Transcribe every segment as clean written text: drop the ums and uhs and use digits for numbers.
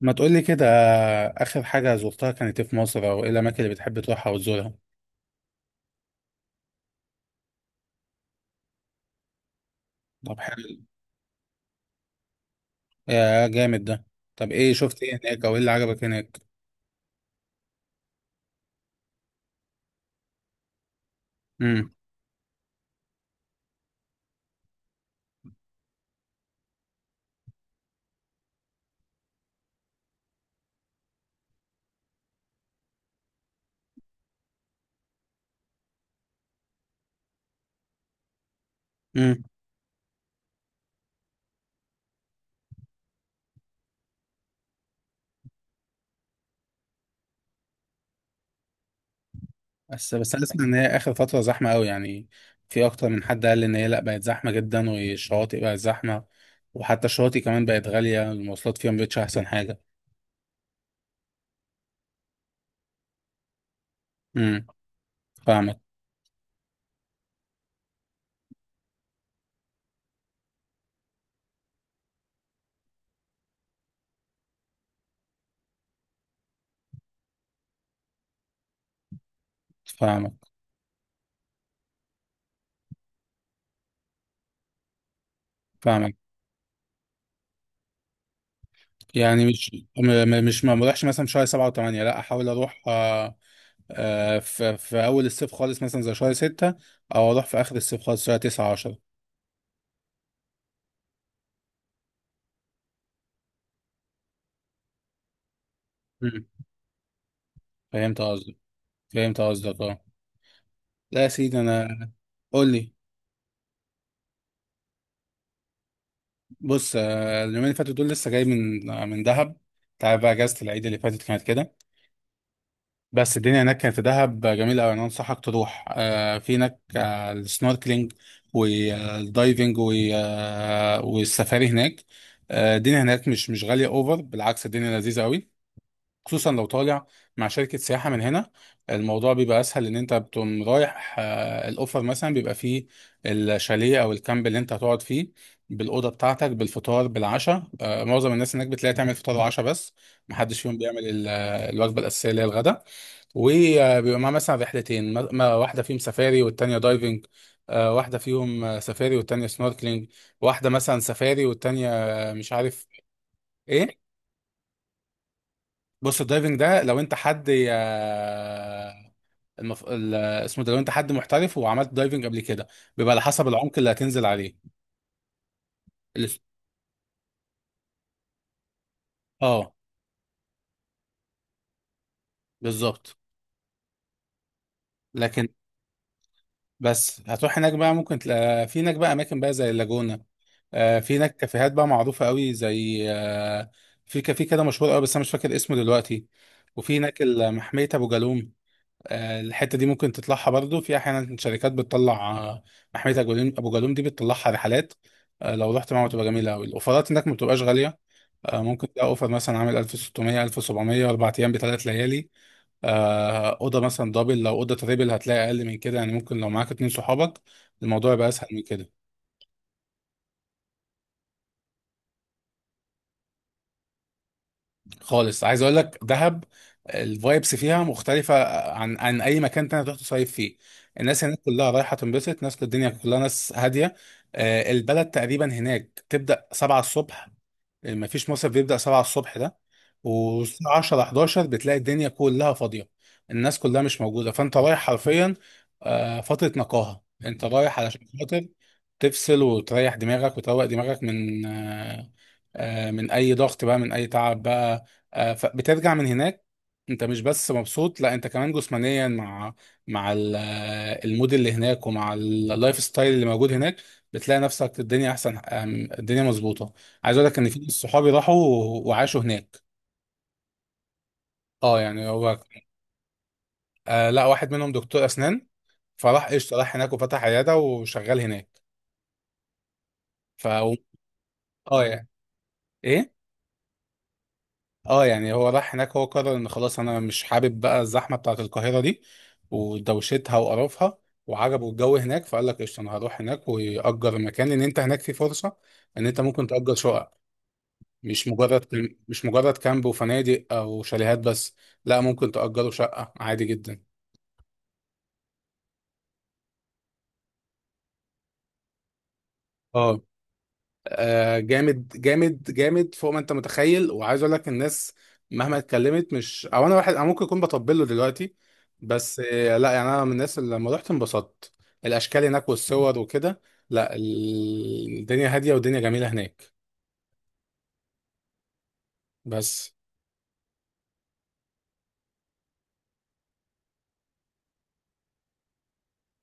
ما تقولي كده. آخر حاجة زرتها كانت إيه في مصر أو إيه الأماكن اللي بتحب تروحها وتزورها؟ طب حلو. يا جامد ده. طب إيه شفت إيه هناك أو إيه اللي عجبك هناك؟ امم امم بس بس أنا أسمع إن هي آخر فترة زحمة أوي يعني. في أكتر من حد قال إن هي لأ، بقت زحمة جدا والشواطئ بقت زحمة. وحتى الشواطئ كمان بقت غالية، المواصلات فيها مبقتش أحسن حاجة. امم. فاهمك، فاهمك، فاهمك. يعني مش مش ما بروحش مثلا في شهر سبعة وثمانية، لا احاول اروح. في اول الصيف خالص مثلا زي شهر ستة، او اروح في اخر الصيف خالص شهر تسعة، عشرة. مم. فهمت قصدك. فهمت قصدك، اه. لا يا سيدي، انا، قول لي. بص، اليومين اللي فاتوا دول لسه جاي من من دهب. تعرف بقى، اجازة العيد اللي فاتت كانت كده. بس الدنيا هناك كانت في دهب جميلة أوي. أنا أنصحك تروح في هناك السنوركلينج والدايفنج والسفاري هناك. الدنيا هناك مش غالية أوفر، بالعكس الدنيا لذيذة أوي. خصوصا لو طالع مع شركة سياحة من هنا، الموضوع بيبقى أسهل. إن أنت بتقوم رايح الأوفر مثلا بيبقى فيه الشاليه أو الكامب اللي أنت هتقعد فيه، بالأوضة بتاعتك، بالفطار، بالعشاء. معظم الناس هناك بتلاقي تعمل فطار وعشاء بس، محدش فيهم بيعمل الوجبة الأساسية اللي هي الغدا. وبيبقى معاه مثلا رحلتين، واحدة فيهم سفاري والتانية دايفنج. واحدة فيهم سفاري والتانية سنوركلينج. واحدة مثلا سفاري والتانية مش عارف. ايه؟ بص، الدايفنج ده لو انت حد اسمه ده، لو انت حد محترف وعملت دايفنج قبل كده، بيبقى على حسب العمق اللي هتنزل عليه. ال- اه، بالظبط. لكن، بس هتروح هناك بقى ممكن تلاقي في هناك بقى اماكن بقى زي اللاجونة. في هناك كافيهات بقى معروفة قوي، زي في كافيه كده مشهور قوي، بس أنا مش فاكر اسمه دلوقتي. وفي هناك محمية أبو جالوم. الحتة دي ممكن تطلعها برضو، في أحيانا شركات بتطلع محمية أبو جالوم دي بتطلعها رحلات. لو رحت معاهم تبقى جميلة أوي، الأوفرات هناك ما بتبقاش غالية. ممكن تلاقي أوفر مثلا عامل 1600، 1700، 4 أيام ب3 ليالي. أوضة مثلا دبل، لو أوضة تريبل هتلاقي أقل من كده، يعني ممكن لو معاك اتنين صحابك الموضوع يبقى أسهل من كده. خالص، عايز اقول لك دهب الفايبس فيها مختلفة عن اي مكان تاني تروح تصيف فيه. الناس هناك كلها رايحة تنبسط، ناس الدنيا كلها ناس هادية. البلد تقريبا هناك تبدأ 7 الصبح، ما فيش مصيف بيبدأ 7 الصبح ده. والساعة 10، 11 بتلاقي الدنيا كلها فاضية، الناس كلها مش موجودة، فانت رايح حرفيا فترة نقاهة. انت رايح علشان خاطر تفصل وتريح دماغك وتروق دماغك من من اي ضغط بقى، من اي تعب بقى. فبترجع من هناك انت مش بس مبسوط، لا، انت كمان جسمانيا مع المود اللي هناك ومع اللايف ستايل اللي موجود هناك، بتلاقي نفسك الدنيا احسن. الدنيا مظبوطه. عايز اقول لك ان في ناس صحابي راحوا وعاشوا هناك. اه، يعني هو، لا، واحد منهم دكتور اسنان، فراح قشطه، راح هناك وفتح عياده وشغال هناك. ف اه، يعني. ايه؟ اه، يعني هو راح هناك، هو قرر ان خلاص انا مش حابب بقى الزحمه بتاعت القاهره دي ودوشتها وقرفها، وعجبه الجو هناك فقال لك قشطه انا هروح هناك واجر مكان، لان انت هناك في فرصه ان انت ممكن تاجر شقق. مش مجرد كامب وفنادق او شاليهات بس، لا ممكن تاجره شقه عادي جدا. اه، جامد جامد جامد فوق ما انت متخيل. وعايز اقول لك الناس مهما اتكلمت، مش، او انا واحد انا ممكن اكون بطبل له دلوقتي، بس لا، يعني انا من الناس اللي لما رحت انبسطت، الاشكال هناك والصور وكده. لا، الدنيا هاديه والدنيا جميله هناك، بس.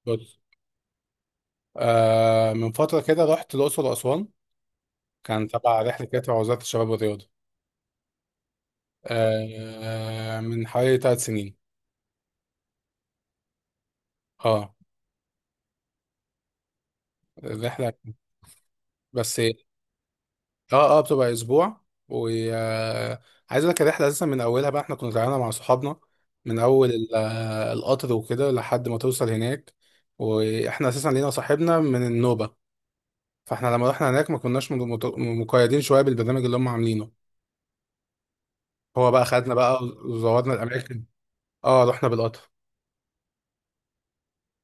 بص، من فتره كده رحت الاقصر واسوان، كان تبع رحله كده تبع وزاره الشباب والرياضه. من حوالي 3 سنين. اه. الرحله. بس. اه، اه، بتبقى اسبوع، وعايز اقول لك الرحله اساسا من اولها بقى احنا كنا طالعينها مع صحابنا، من اول القطر وكده لحد ما توصل هناك. واحنا اساسا لينا صاحبنا من النوبه، فاحنا لما رحنا هناك ما كناش مقيدين شويه بالبرنامج اللي هم عاملينه. هو بقى خدنا بقى وزورنا الاماكن. اه، رحنا بالقطر.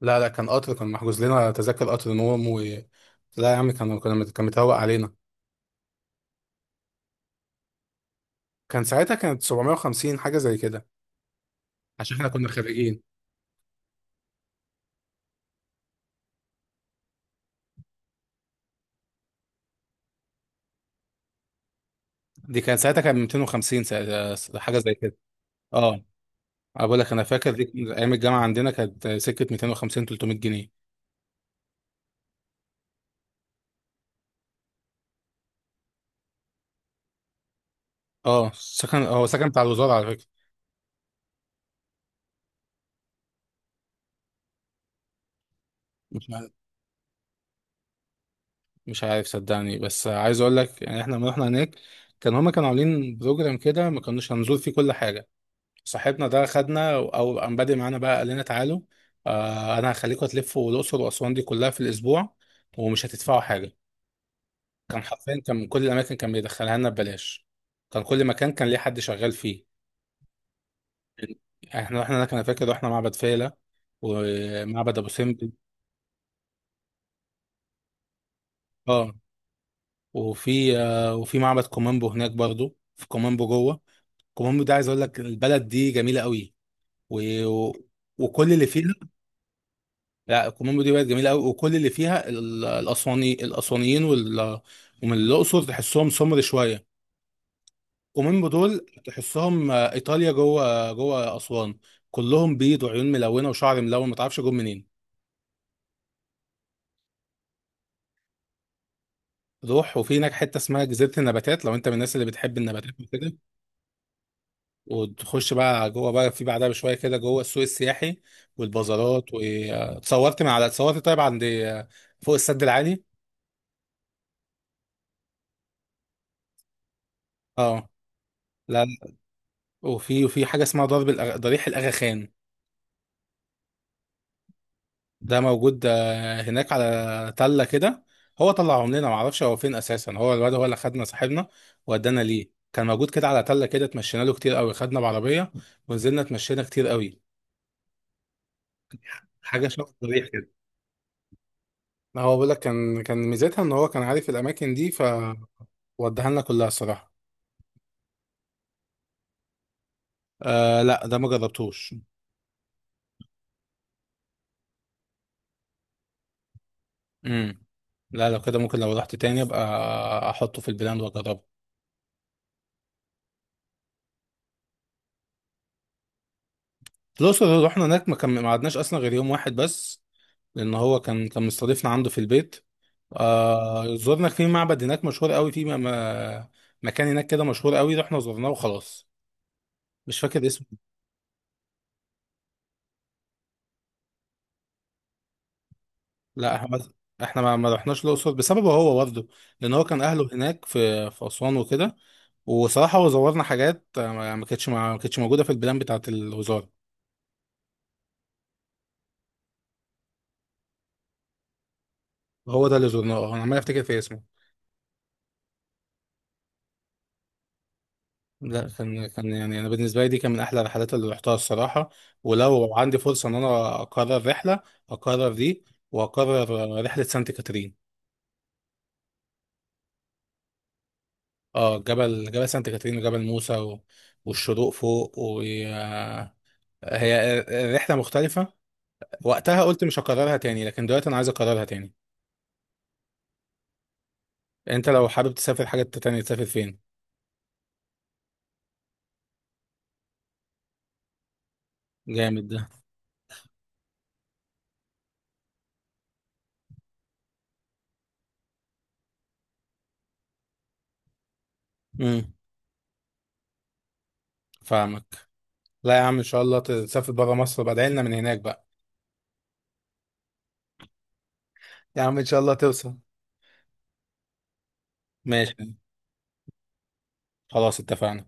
لا، لا، كان قطر، كان محجوز لنا تذاكر قطر نوم و، لا يا عم، كان متهوق علينا. كان ساعتها كانت 750 حاجه زي كده، عشان احنا كنا خارجين. دي كان ساعتها كان 250 ساعتها، حاجه زي كده. اه، انا بقول لك، انا فاكر دي كان ايام الجامعه عندنا كانت سكه 250، 300 جنيه. اه، سكن، هو سكن بتاع الوزاره على فكره. مش عارف. مش عارف صدقني، بس عايز اقول لك يعني احنا لما رحنا هناك كان هما كانوا عاملين بروجرام كده ما كناش هنزور فيه كل حاجه. صاحبنا ده خدنا، او قام بادئ معانا بقى، قال لنا تعالوا، انا هخليكم تلفوا الاقصر واسوان دي كلها في الاسبوع ومش هتدفعوا حاجه. كان حرفيا كان من كل الاماكن كان بيدخلها لنا ببلاش، كان كل مكان كان ليه حد شغال فيه. احنا رحنا هناك، انا فاكر رحنا معبد فيلة ومعبد ابو سمبل. اه، وفي معبد كومامبو هناك برضو، في كومامبو جوه. كومامبو ده عايز اقول لك البلد دي جميله قوي، و... و... وكل اللي فيها. لا، كومامبو دي بلد جميله قوي وكل اللي فيها الاسوانيين ومن الاقصر تحسهم سمر شويه. قومين بدول تحسهم ايطاليا، جوه اسوان، كلهم بيض وعيون ملونه وشعر ملون، ما تعرفش جم منين. روح، وفي هناك حته اسمها جزيره النباتات، لو انت من الناس اللي بتحب النباتات وكده. وتخش بقى جوه بقى، في بعدها بشويه كده جوه السوق السياحي والبازارات، واتصورت من على اتصورت طيب عند فوق السد العالي. اه. لا، لا. وفي حاجه اسمها ضريح الاغاخان، ده موجود هناك على تلة كده. هو طلعهم لنا، معرفش هو فين اساسا، هو الواد هو اللي خدنا، صاحبنا ودانا ليه، كان موجود كده على تلة كده، اتمشينا له كتير قوي، خدنا بعربية ونزلنا، اتمشينا كتير قوي. حاجة شبه الضريح كده. ما هو بقول لك كان ميزتها ان هو كان عارف الاماكن دي، فوداها لنا كلها الصراحة. لا، ده ما جربتوش. امم. لا، لو كده ممكن لو رحت تاني ابقى احطه في البلان واجربه. الأقصر، رحنا هناك ما قعدناش اصلا غير يوم واحد بس، لان هو كان مستضيفنا عنده في البيت. زرنا في معبد هناك مشهور قوي في مكان هناك كده مشهور قوي، رحنا زرناه وخلاص، مش فاكر اسمه. لا احنا، احنا ما رحناش الاقصر بسببه هو برضه، لان هو كان اهله هناك في اسوان وكده. وصراحه هو زورنا حاجات ما كانتش موجوده في البلان بتاعه الوزاره. هو ده اللي زرناه، انا عمال افتكر في اسمه. لا، كان يعني انا بالنسبه لي دي كان من احلى الرحلات اللي رحتها الصراحه. ولو عندي فرصه ان انا اقرر رحله، اقرر دي، واقرر رحله سانت كاترين. اه، جبل سانت كاترين وجبل موسى والشروق فوق، وهي الرحلة مختلفة. وقتها قلت مش هكررها تاني لكن دلوقتي انا عايز اكررها تاني. انت لو حابب تسافر حاجة تانية تسافر فين؟ جامد ده. امم. فاهمك. لا يا عم، ان شاء الله تسافر برا مصر بعدين لنا من هناك بقى. يا عم، ان شاء الله توصل. ماشي. خلاص، اتفقنا.